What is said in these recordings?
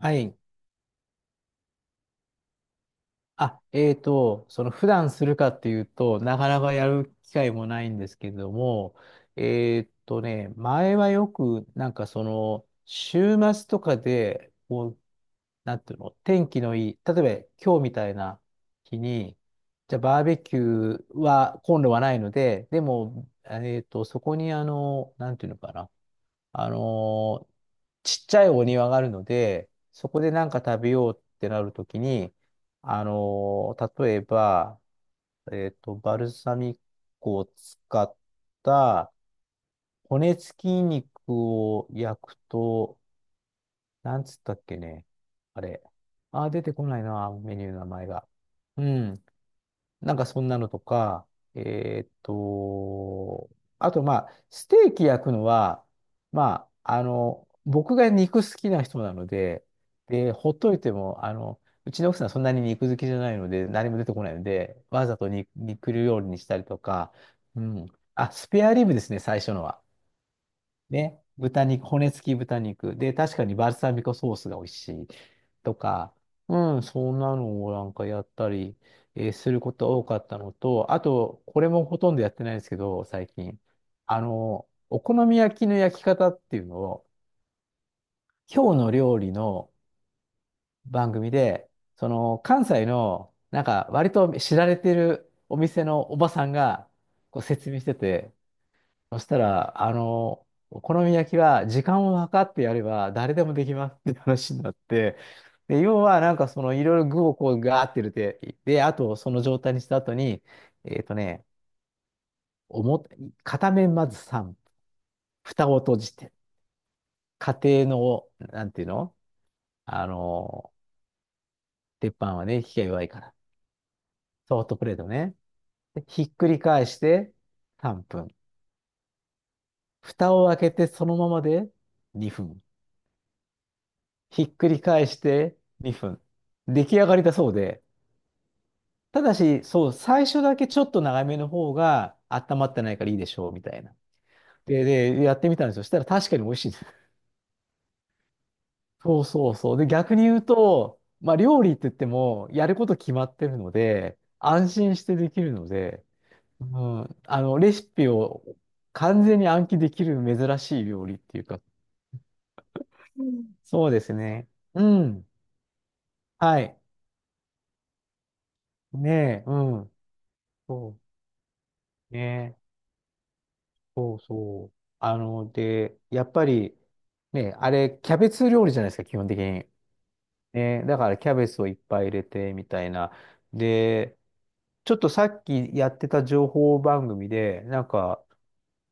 はい。あ、その普段するかっていうと、なかなかやる機会もないんですけれども、前はよく、なんかその、週末とかで、こう、なんていうの、天気のいい、例えば今日みたいな日に、じゃあバーベキューは、今度はないので、でも、そこにあの、なんていうのかな、あのーちっちゃいお庭があるので、そこでなんか食べようってなるときに、例えば、バルサミコを使った骨付き肉を焼くと、なんつったっけね。あれ。あー、出てこないな、メニューの名前が。うん。なんかそんなのとか、えーっと、あとまあ、ステーキ焼くのは、まあ、あの、僕が肉好きな人なので、で、ほっといても、あの、うちの奥さんそんなに肉好きじゃないので、何も出てこないので、わざと肉料理にしたりとか、うん。あ、スペアリブですね、最初のは。ね。豚肉、骨付き豚肉。で、確かにバルサミコソースが美味しい。とか、うん、そんなのをなんかやったり、することが多かったのと、あと、これもほとんどやってないですけど、最近。あの、お好み焼きの焼き方っていうのを、今日の料理の番組で、その、関西の、なんか、割と知られてるお店のおばさんが、こう説明してて、そしたら、あの、お好み焼きは時間を計ってやれば誰でもできますって話になって、で、要はなんかそのいろいろ具をこうガーって入れて、で、あとその状態にした後に、えっとね、表、片面まず3分、蓋を閉じて、家庭の、なんていうのあの、鉄板はね、火が弱いから、ソフトプレートね。でひっくり返して3分、蓋を開けてそのままで2分。ひっくり返して2分。出来上がりだそうで、ただし、そう、最初だけちょっと長めの方が温まってないからいいでしょう、みたいな。で、やってみたんですよ。そしたら確かに美味しいです。そうそうそう。で、逆に言うと、まあ、料理って言っても、やること決まってるので、安心してできるので、うん、あの、レシピを完全に暗記できる珍しい料理っていうか、うんそうですね。うん。はい。ねえ、うん。そう。ねえ。そうそう。あの、で、やっぱり、ね、あれ、キャベツ料理じゃないですか、基本的に。ね、だからキャベツをいっぱい入れて、みたいな。で、ちょっとさっきやってた情報番組で、なんか、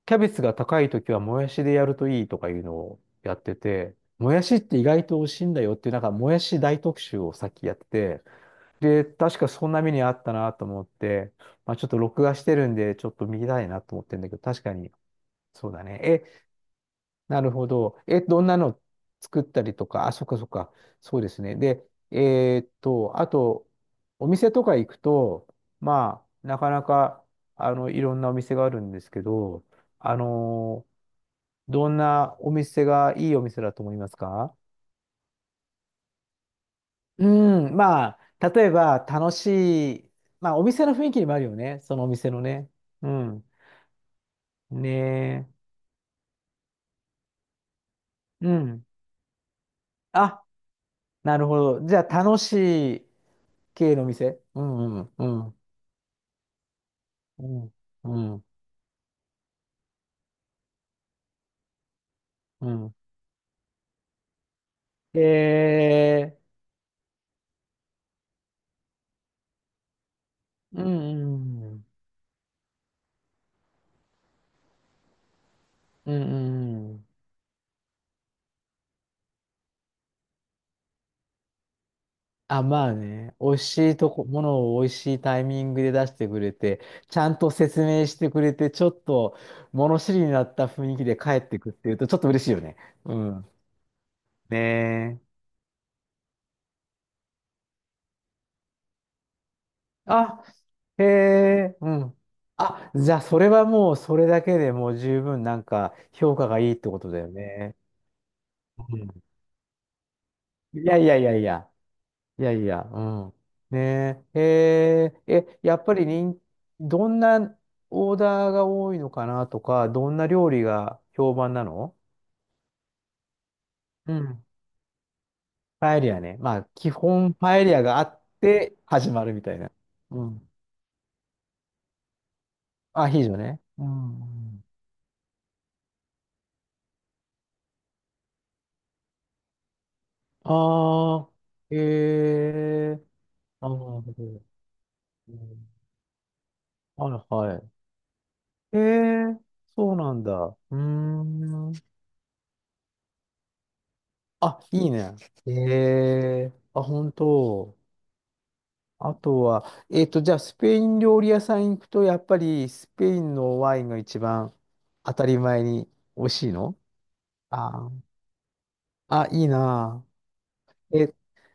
キャベツが高いときはもやしでやるといいとかいうのをやってて、もやしって意外と美味しいんだよっていう、なんか、もやし大特集をさっきやってて、で、確かそんな目にあったなと思って、まあ、ちょっと録画してるんで、ちょっと見たいなと思ってるんだけど、確かに、そうだね。なるほど。え、どんなの作ったりとか、あ、そっかそっか。そうですね。で、あと、お店とか行くと、まあ、なかなか、あの、いろんなお店があるんですけど、あのーどんなお店がいいお店だと思いますか？うん、まあ、例えば、楽しい、まあ、お店の雰囲気にもあるよね。そのお店のね。うん。ねえ。うん。あ、なるほど。じゃあ、楽しい系の店。うんうんうん。うん、うん、うん。えー、うん、うん、うん、うん。あ、まあね、美味しいとこ、ものを美味しいタイミングで出してくれて、ちゃんと説明してくれて、ちょっと物知りになった雰囲気で帰ってくっていうと、ちょっと嬉しいよね。うん。ねえ。あ、へえ、うん。あ、じゃあ、それはもう、それだけでもう十分、なんか、評価がいいってことだよね。うん。いやいやいやいや。いやいや、うん。ねえ、やっぱりどんなオーダーが多いのかなとか、どんな料理が評判なの？うん。パエリアね。まあ、基本パエリアがあって始まるみたいな。うん。アヒージョね。うん。ああ、ええあなるほど。うんはいはい。ええそうなんだ。うーん。あ、いいね。ええあ、本当。あとは、じゃあ、スペイン料理屋さん行くと、やっぱりスペインのワインが一番当たり前に美味しいのあーあ、いいなあ。え、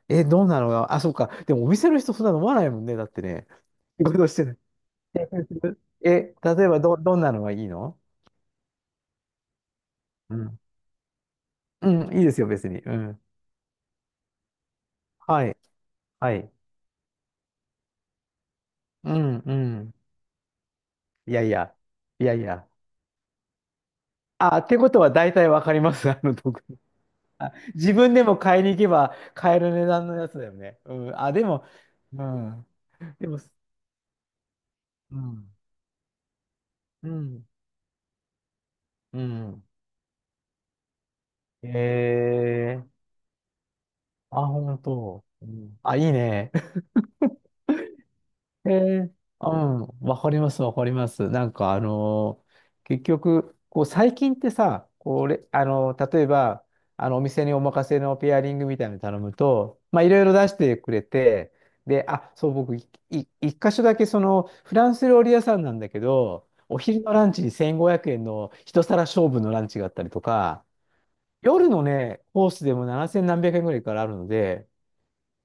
え、どうなのよ。あ、そうか。でも、お店の人そんな飲まないもんね。だってね。仕事してない。え、例えばどんなのがいいの？うん。うん、いいですよ、別に。うん。はい、はい。うん、うん。いやいや。いやいや。あ、ってことは大体わかります。あの、僕あ自分でも買いに行けば買える値段のやつだよね。うん。あ、でも、うん。でも、うん。うん。うん。えー、あ、本当。うん、あ、いいね。えー、うん、わかります、わかります。なんか、結局、こう、最近ってさ、これ、例えば、あの、お店にお任せのペアリングみたいなの頼むと、まあ、いろいろ出してくれて、で、あ、そう、僕、いい一箇所だけ、その、フランス料理屋さんなんだけど、お昼のランチに1500円の一皿勝負のランチがあったりとか、夜のね、コースでも7千何百円ぐらいからあるので、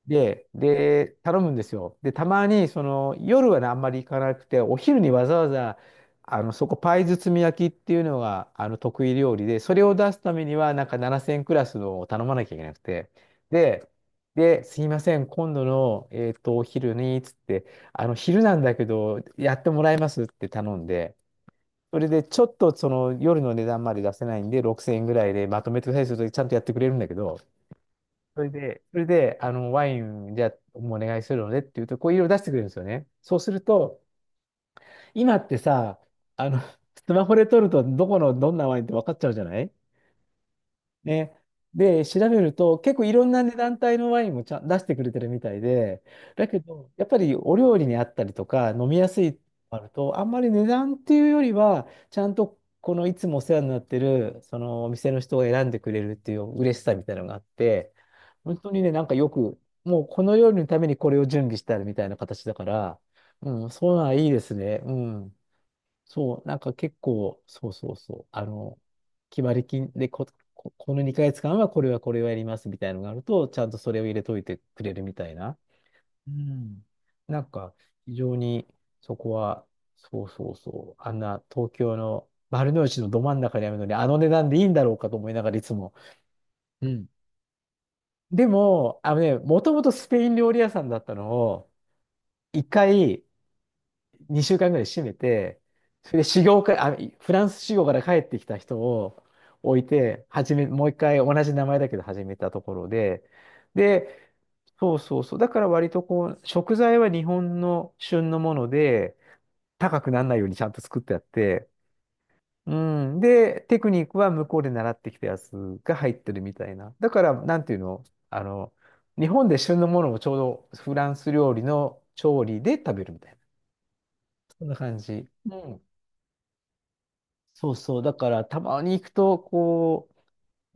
で、頼むんですよ。で、たまに、その、夜はね、あんまり行かなくて、お昼にわざわざ、あの、そこ、パイ包み焼きっていうのが、あの、得意料理で、それを出すためには、なんか7000クラスのを頼まなきゃいけなくて、で、で、すいません、今度の、お昼に、つって、あの、昼なんだけど、やってもらえますって頼んで、それで、ちょっと、その、夜の値段まで出せないんで、6000円ぐらいでまとめてくださいすると、ちゃんとやってくれるんだけど、それで、あの、ワイン、じゃあ、もお願いするのでって言うと、こういろいろ出してくれるんですよね。そうすると、今ってさ、あの、スマホで撮ると、どこの、どんなワインって分かっちゃうじゃないね。で、調べると、結構いろんな、ね、団体のワインもちゃん出してくれてるみたいで、だけど、やっぱりお料理にあったりとか、飲みやすいのがあると、あんまり値段っていうよりは、ちゃんとこのいつもお世話になってる、そのお店の人が選んでくれるっていう嬉しさみたいなのがあって、本当にね、なんかよく、もうこの料理のためにこれを準備してあるみたいな形だから、うん、そうなうはいいですね。うん。そう、なんか結構、そうそうそう、あの、決まり金でこの2ヶ月間はこれはこれをやりますみたいなのがあると、ちゃんとそれを入れといてくれるみたいな。うん。なんか、非常にそこは、そうそうそう、あんな東京の丸の内のど真ん中にあるのに、あの値段でいいんだろうかと思いながらいつも。うん。でも、あのね、もともとスペイン料理屋さんだったのを、一回、2週間ぐらい閉めて、それで修行から、あ、フランス修行から帰ってきた人を置いて、始め、もう一回同じ名前だけど始めたところで、で、そうそうそう。だから割とこう、食材は日本の旬のもので、高くならないようにちゃんと作ってあって、うん。で、テクニックは向こうで習ってきたやつが入ってるみたいな。だから、なんていうのあの、日本で旬のものをちょうどフランス料理の調理で食べるみたいな。そんな感じ。うん。そうそう。だから、たまに行くと、こう、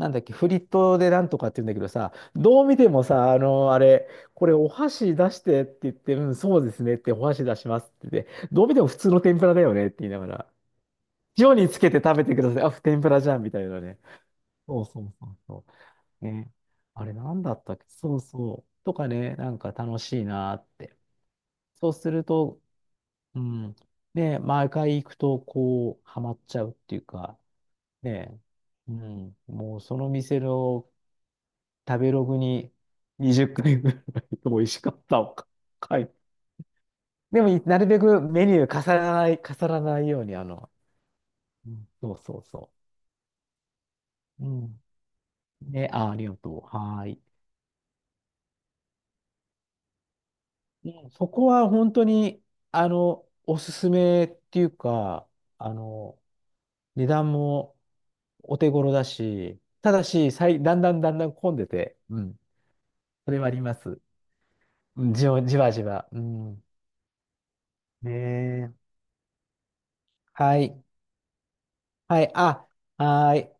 なんだっけ、フリットでなんとかって言うんだけどさ、どう見てもさ、あの、あれ、これお箸出してって言って、うん、そうですねって、お箸出しますって言って、どう見ても普通の天ぷらだよねって言いながら、塩につけて食べてください。あ、天ぷらじゃんみたいなね。そうそうそうそう。ね。あれ、なんだったっけそうそう。とかね、なんか楽しいなーって。そうすると、うん。ね、毎回行くと、こう、ハマっちゃうっていうか、ねえ。うん。もうその店の食べログに20回ぐらい美味しかったを書いて。でも、なるべくメニュー重ならない、重ならないように、あの、うんそうそうそう。うん。ね、あ、ありがとう。はーい。うんそこは本当に、あの、おすすめっていうか、あの、値段もお手頃だし、ただし、だんだんだんだん混んでて、うん。それはあります。うん、じわじわ。うん。ねえ。はい。はい。あ、はい。